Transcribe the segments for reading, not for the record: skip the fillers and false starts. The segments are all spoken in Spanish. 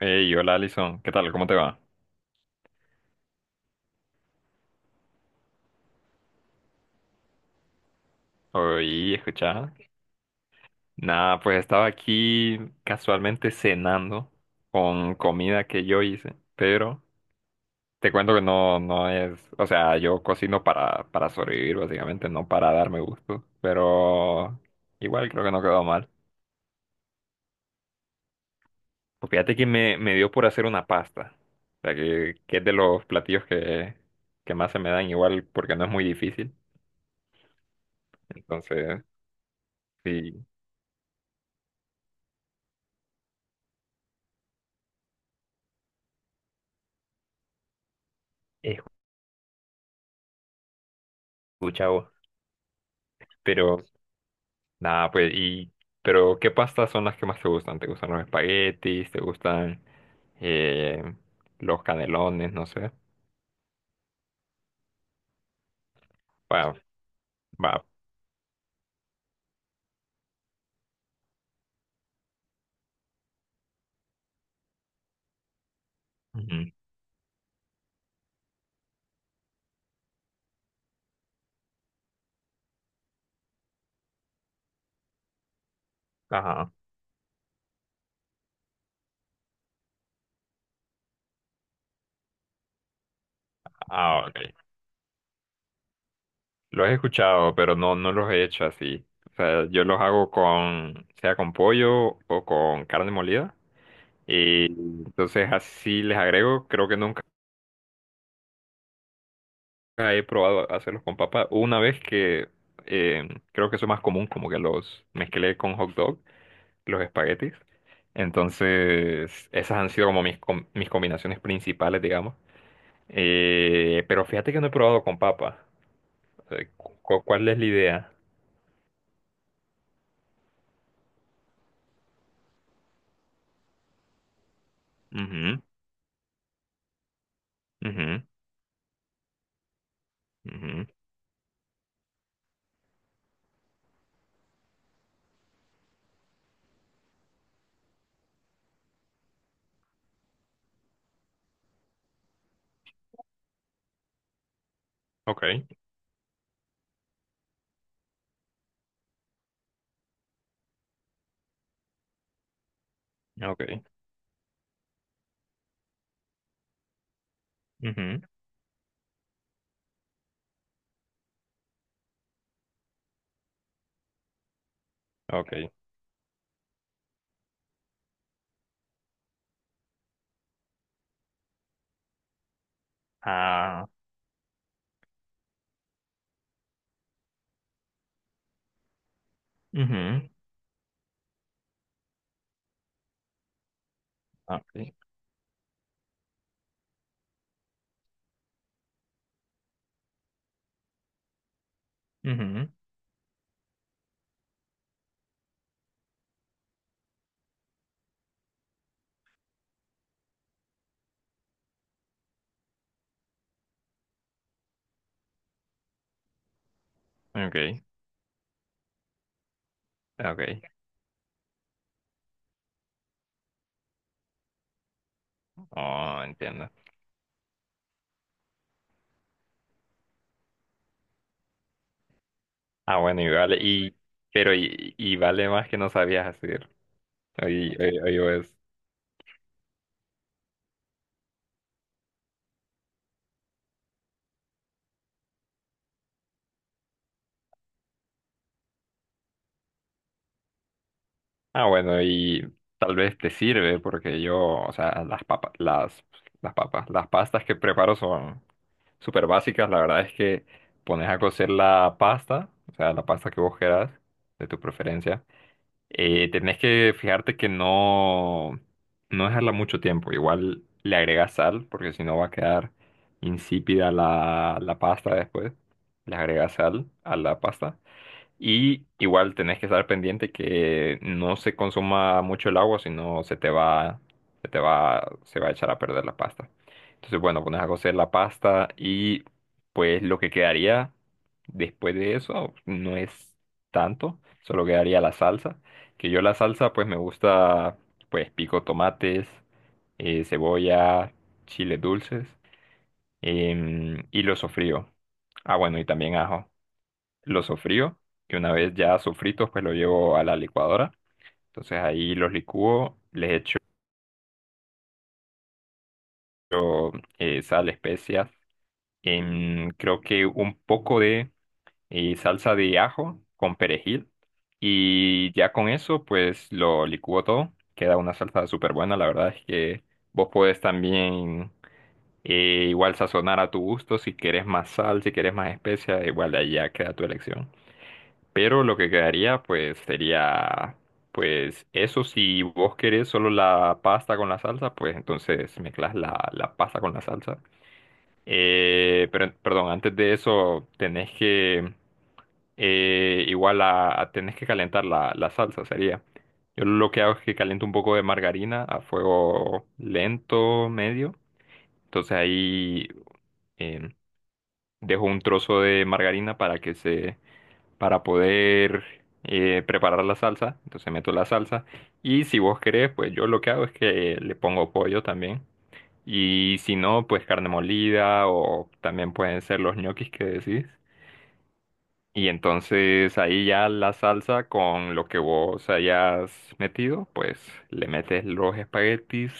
Hey, hola Alison, ¿qué tal? ¿Cómo te va? Hoy, escucha. Nada, pues estaba aquí casualmente cenando con comida que yo hice, pero te cuento que no es, o sea, yo cocino para sobrevivir básicamente, no para darme gusto, pero igual creo que no quedó mal. Pues fíjate que me dio por hacer una pasta, o sea, que es de los platillos que más se me dan igual porque no es muy difícil, entonces sí, escucha vos. Pero nada, pero ¿qué pastas son las que más te gustan? ¿Te gustan los espaguetis? ¿Te gustan eh, los canelones? No sé. Va, va. Ujú. Ajá. Ah, ok. Los he escuchado, pero no los he hecho así. O sea, yo los hago con, sea con pollo o con carne molida. Y entonces así les agrego, creo que nunca he probado hacerlos con papa. Una vez que creo que eso es más común, como que los mezclé con hot dog los espaguetis. Entonces, esas han sido como mis combinaciones principales, digamos. Pero fíjate que no he probado con papa. ¿Cuál es la idea? Ujú, ujú, ujú. Ok, ok, ujú, ok. Ah, ujú, ok, ujú, ok, ok. Oh, entiendo. Ah, bueno, pero y vale más que no sabías hacer. Oye, oye, ah, bueno, y tal vez te sirve porque yo, o sea, las papas, las pastas que preparo son súper básicas. La verdad es que pones a cocer la pasta, o sea, la pasta que vos quieras, de tu preferencia. Tenés que fijarte que no dejarla mucho tiempo. Igual le agregas sal porque si no va a quedar insípida la pasta después. Le agregas sal a la pasta. Y igual tenés que estar pendiente que no se consuma mucho el agua, sino se te va, se va a echar a perder la pasta. Entonces, bueno, pones a cocer la pasta y pues lo que quedaría después de eso no es tanto, solo quedaría la salsa. Que yo la salsa pues me gusta, pues pico tomates, cebolla, chiles dulces, y lo sofrío. Ah, bueno, y también ajo lo sofrío, que una vez ya sofritos, pues lo llevo a la licuadora. Entonces ahí los licúo, les echo sal, especias, creo que un poco de salsa de ajo con perejil. Y ya con eso, pues lo licúo todo. Queda una salsa súper buena. La verdad es que vos podés también igual sazonar a tu gusto. Si quieres más sal, si quieres más especias, igual ahí ya queda tu elección. Pero lo que quedaría, pues, sería, pues, eso si vos querés solo la pasta con la salsa, pues entonces mezclas la pasta con la salsa. Pero, perdón, antes de eso tenés que, tenés que calentar la salsa, sería. Yo lo que hago es que caliento un poco de margarina a fuego lento, medio. Entonces ahí em, dejo un trozo de margarina para que se, para poder preparar la salsa. Entonces meto la salsa. Y si vos querés, pues yo lo que hago es que le pongo pollo también. Y si no, pues carne molida o también pueden ser los ñoquis que decís. Y entonces ahí ya la salsa con lo que vos hayas metido, pues le metes los espaguetis,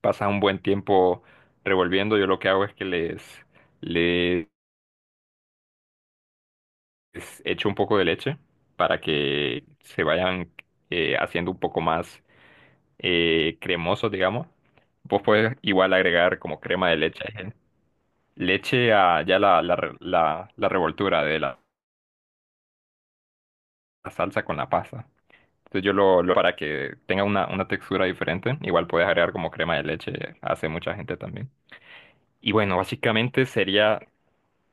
pasas un buen tiempo revolviendo. Yo lo que hago es que les echo un poco de leche para que se vayan haciendo un poco más cremosos, digamos. Vos puedes igual agregar como crema de leche, leche a ya la revoltura de la salsa con la pasta. Entonces yo para que tenga una textura diferente, igual puedes agregar como crema de leche, hace mucha gente también. Y bueno, básicamente sería,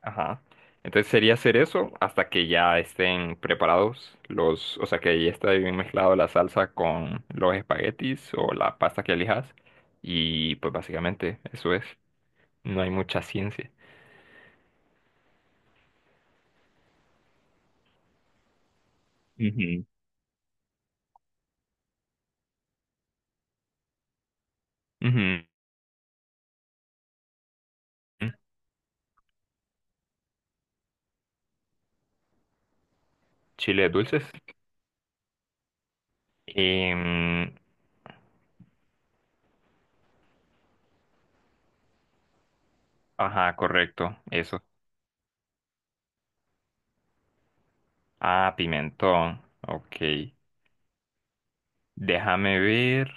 ajá. Entonces sería hacer eso hasta que ya estén preparados los, o sea, que ya está bien mezclado la salsa con los espaguetis o la pasta que elijas. Y pues básicamente eso es. No hay mucha ciencia. Ujú. Ujú. Chile dulces. Em, ajá, correcto, eso. Ah, pimentón. Ok. Déjame ver.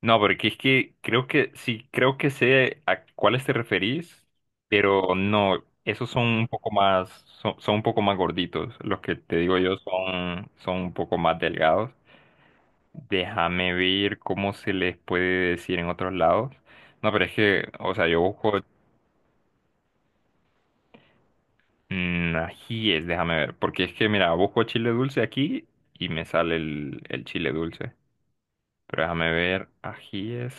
No, porque es que creo que sí, creo que sé a cuáles te referís, pero no, esos son un poco más, son un poco más gorditos. Los que te digo yo son un poco más delgados. Déjame ver cómo se les puede decir en otros lados. No, pero es que, o sea, yo busco ajíes, déjame ver, porque es que, mira, busco chile dulce aquí y me sale el chile dulce. Pero déjame ver, ajíes.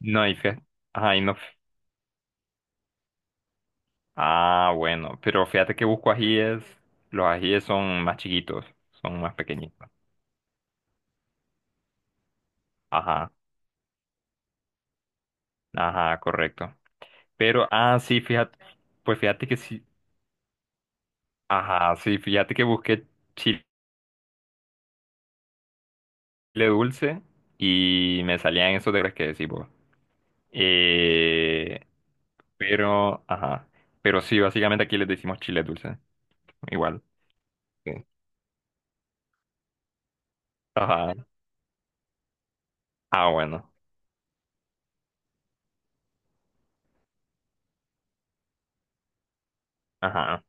No, y fe. Ay, no. Ah, bueno, pero fíjate que busco ajíes, los ajíes son más chiquitos, son más pequeñitos. Ajá, ajá, correcto. Pero, ah, sí, fíjate, pues fíjate que sí, ajá, sí, fíjate que busqué chile dulce y me salían esos de los que decís vos. Eh, pero, ajá, pero sí, básicamente aquí les decimos chile dulce, igual. Sí. Ajá, ah, bueno, ajá,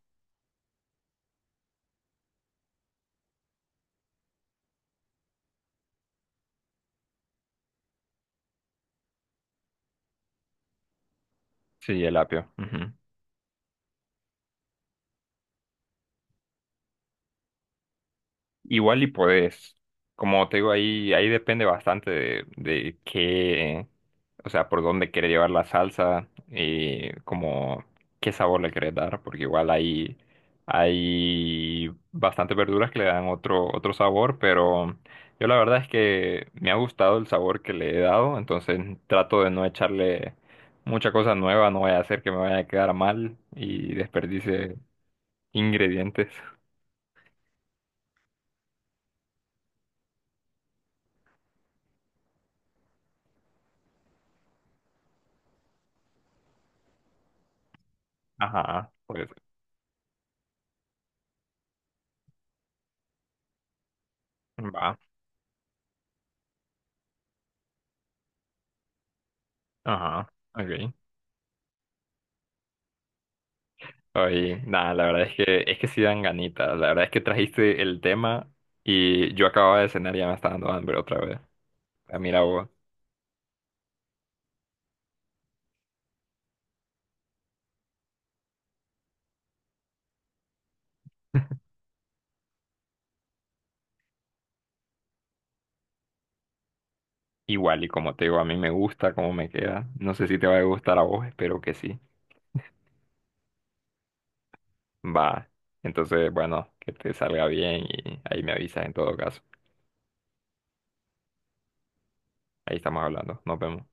sí, el apio. Ujú. Igual y podés, como te digo, ahí, ahí depende bastante de qué, o sea, por dónde quiere llevar la salsa y como qué sabor le querés dar, porque igual hay, hay bastantes verduras que le dan otro sabor, pero yo la verdad es que me ha gustado el sabor que le he dado, entonces trato de no echarle mucha cosa nueva, no voy a hacer que me vaya a quedar mal y desperdice ingredientes. Ajá, pues va. Ajá, ok. Oye, nada, la verdad es que sí dan ganitas. La verdad es que trajiste el tema y yo acababa de cenar y ya me está dando hambre otra vez. Ah, mira vos, igual y como te digo, a mí me gusta cómo me queda. No sé si te va a gustar a vos, espero que sí. Va. Entonces, bueno, que te salga bien y ahí me avisas en todo caso. Ahí estamos hablando. Nos vemos.